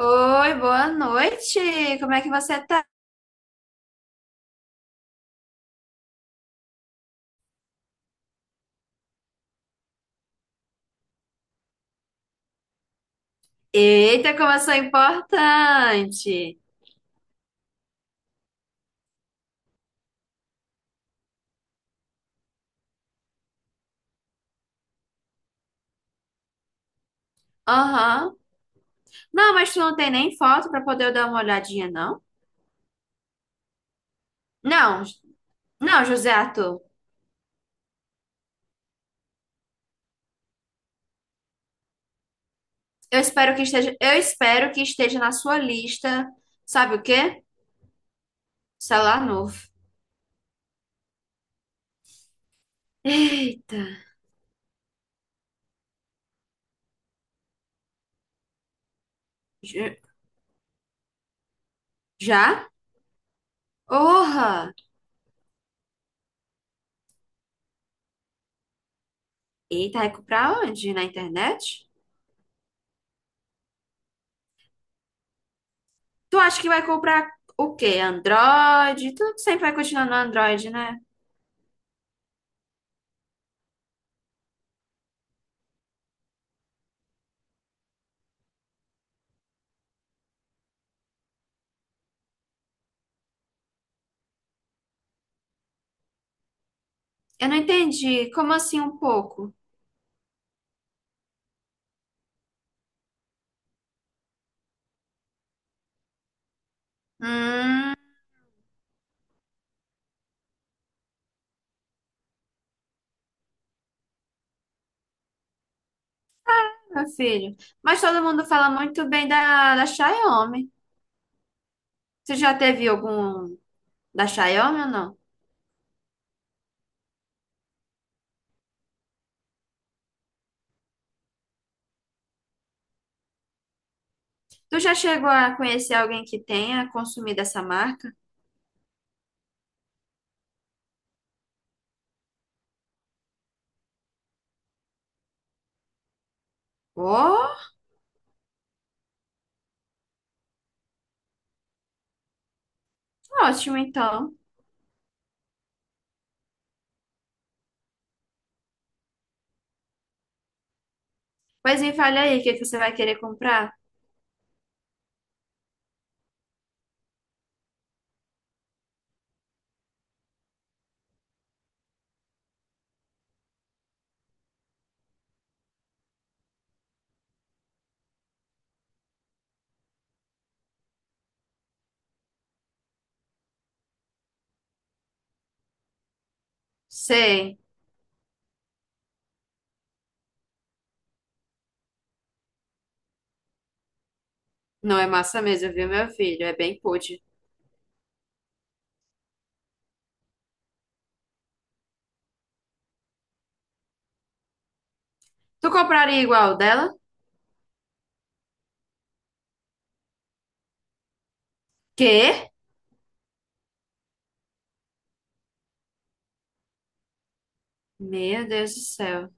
Oi, boa noite. Como é que você tá? Eita, como eu sou importante. Aham. Não, mas tu não tem nem foto pra poder eu dar uma olhadinha, não? Não, não, José Arthur. Eu espero que esteja na sua lista. Sabe o quê? Celular novo. Eita. J- Já? Orra. Eita, vai comprar onde? Na internet? Tu acha que vai comprar o quê? Android? Tu sempre vai continuar no Android, né? Eu não entendi. Como assim um pouco? Hum, Meu filho. Mas todo mundo fala muito bem da Xiaomi. Tu já teve algum da Xiaomi ou não? Tu já chegou a conhecer alguém que tenha consumido essa marca? Oh, ótimo, então. Pois me fale aí, o que que você vai querer comprar? Sei. Não é massa mesmo, viu, meu filho? É bem pude. Tu compraria igual dela? Quê? Meu Deus do céu.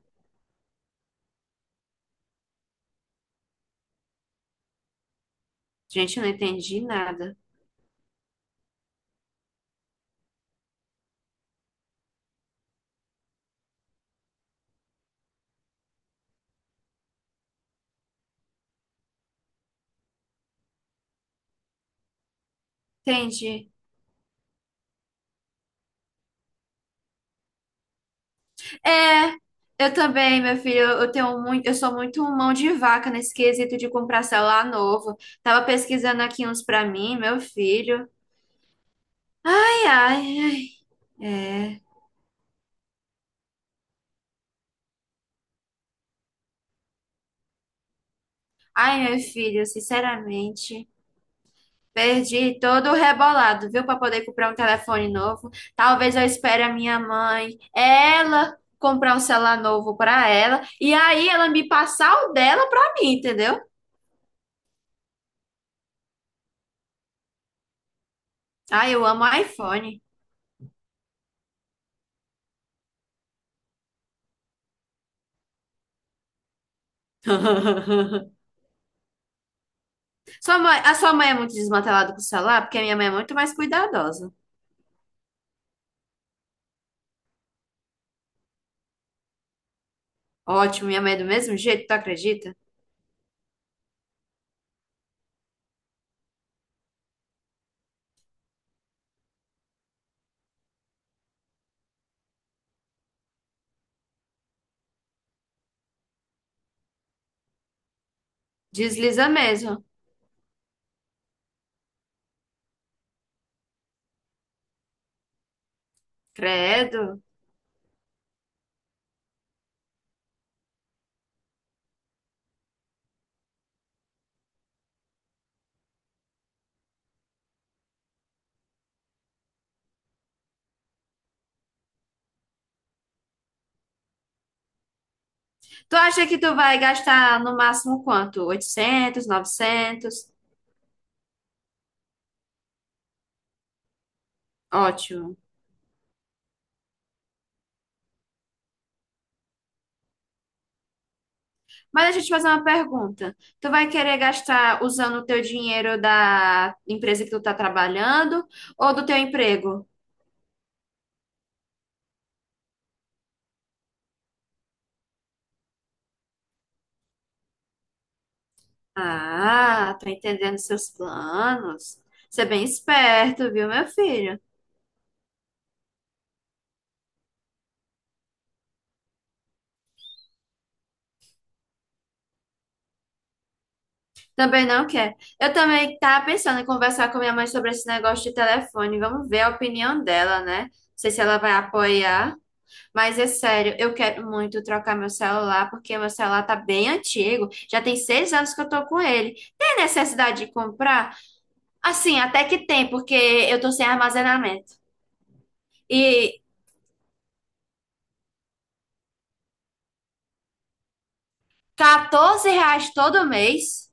Gente, eu não entendi nada. Entendi. É, eu também, meu filho, eu sou muito mão de vaca nesse quesito de comprar celular novo. Tava pesquisando aqui uns pra mim, meu filho. Ai, ai, ai. É. Ai, meu filho, sinceramente, perdi todo o rebolado, viu, pra poder comprar um telefone novo. Talvez eu espere a minha mãe, ela comprar um celular novo pra ela e aí ela me passar o dela pra mim, entendeu? Ai, eu amo iPhone. Sua mãe, a sua mãe é muito desmantelada com o celular, porque a minha mãe é muito mais cuidadosa. Ótimo, minha mãe é do mesmo jeito, tu acredita? Desliza mesmo. Credo. Tu acha que tu vai gastar no máximo quanto? 800, 900? Ótimo. Mas deixa eu te fazer uma pergunta. Tu vai querer gastar usando o teu dinheiro da empresa que tu tá trabalhando ou do teu emprego? Ah, tô entendendo seus planos. Você é bem esperto, viu, meu filho? Também não quer. Eu também tava pensando em conversar com minha mãe sobre esse negócio de telefone. Vamos ver a opinião dela, né? Não sei se ela vai apoiar. Mas é sério, eu quero muito trocar meu celular, porque meu celular tá bem antigo. Já tem 6 anos que eu tô com ele. Tem necessidade de comprar? Assim, até que tem, porque eu tô sem armazenamento. E R$ 14 todo mês?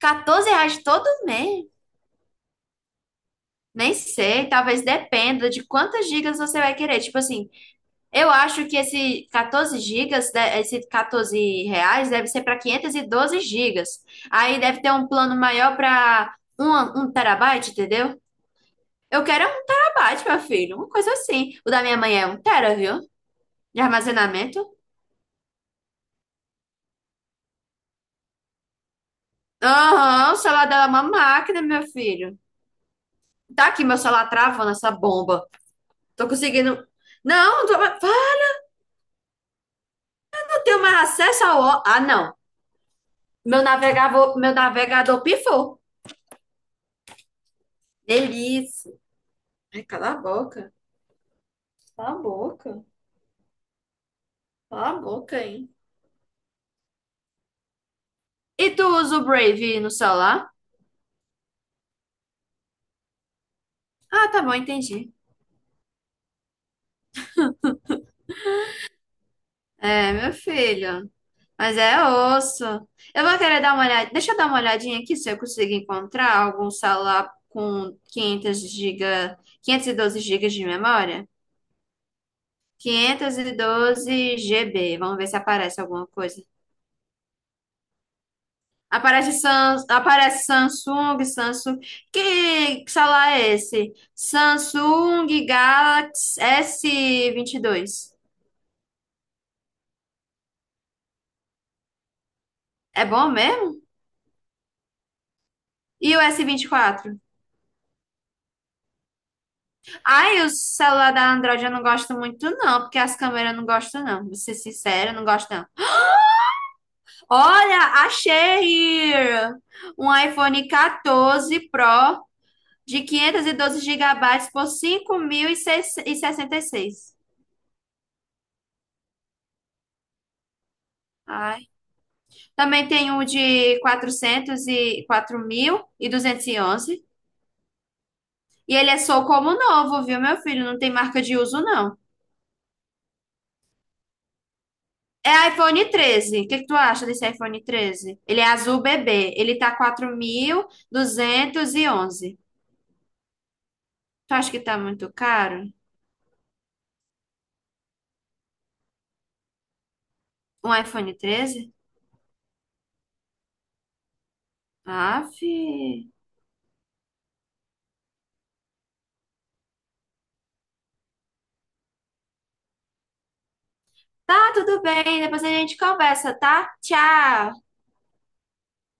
R$ 14 todo mês? Nem sei, talvez dependa de quantas gigas você vai querer. Tipo assim, eu acho que esse 14 gigas, esse R$ 14 deve ser para 512 gigas. Aí deve ter um plano maior para um terabyte, entendeu? Eu quero é 1 terabyte, meu filho, uma coisa assim. O da minha mãe é um tera, viu? De armazenamento. Aham, o celular dela é uma máquina, meu filho. Tá aqui meu celular travando essa bomba. Tô conseguindo. Não, tô, ah, eu tenho mais acesso ao. Ah, não. Meu navegador pifou. Delícia. Ai, cala a boca. Cala a boca. Cala a boca, hein? E tu usa o Brave no celular? Ah, tá bom, entendi. É, meu filho. Mas é osso. Eu vou querer dar uma olhada. Deixa eu dar uma olhadinha aqui se eu consigo encontrar algum celular com 512 gigas de memória. 512 GB. Vamos ver se aparece alguma coisa. Aparece, aparece Samsung, Samsung. Que celular é esse? Samsung Galaxy s 22. É bom mesmo? E o s 24? Ai, o celular da Android eu não gosto muito, não, porque as câmeras eu não gosto, não. Vou ser sincera, eu não gosto, não. Olha, achei um iPhone 14 Pro de 512 gigabytes por 5.066. Também tem o de 400 e 4.211. E onze. E ele é só como novo, viu, meu filho? Não tem marca de uso, não. É iPhone 13. O que que tu acha desse iPhone 13? Ele é azul bebê. Ele tá 4.211. Tu acha que tá muito caro? Um iPhone 13. Aff. Tá, tudo bem. Depois a gente conversa, tá? Tchau.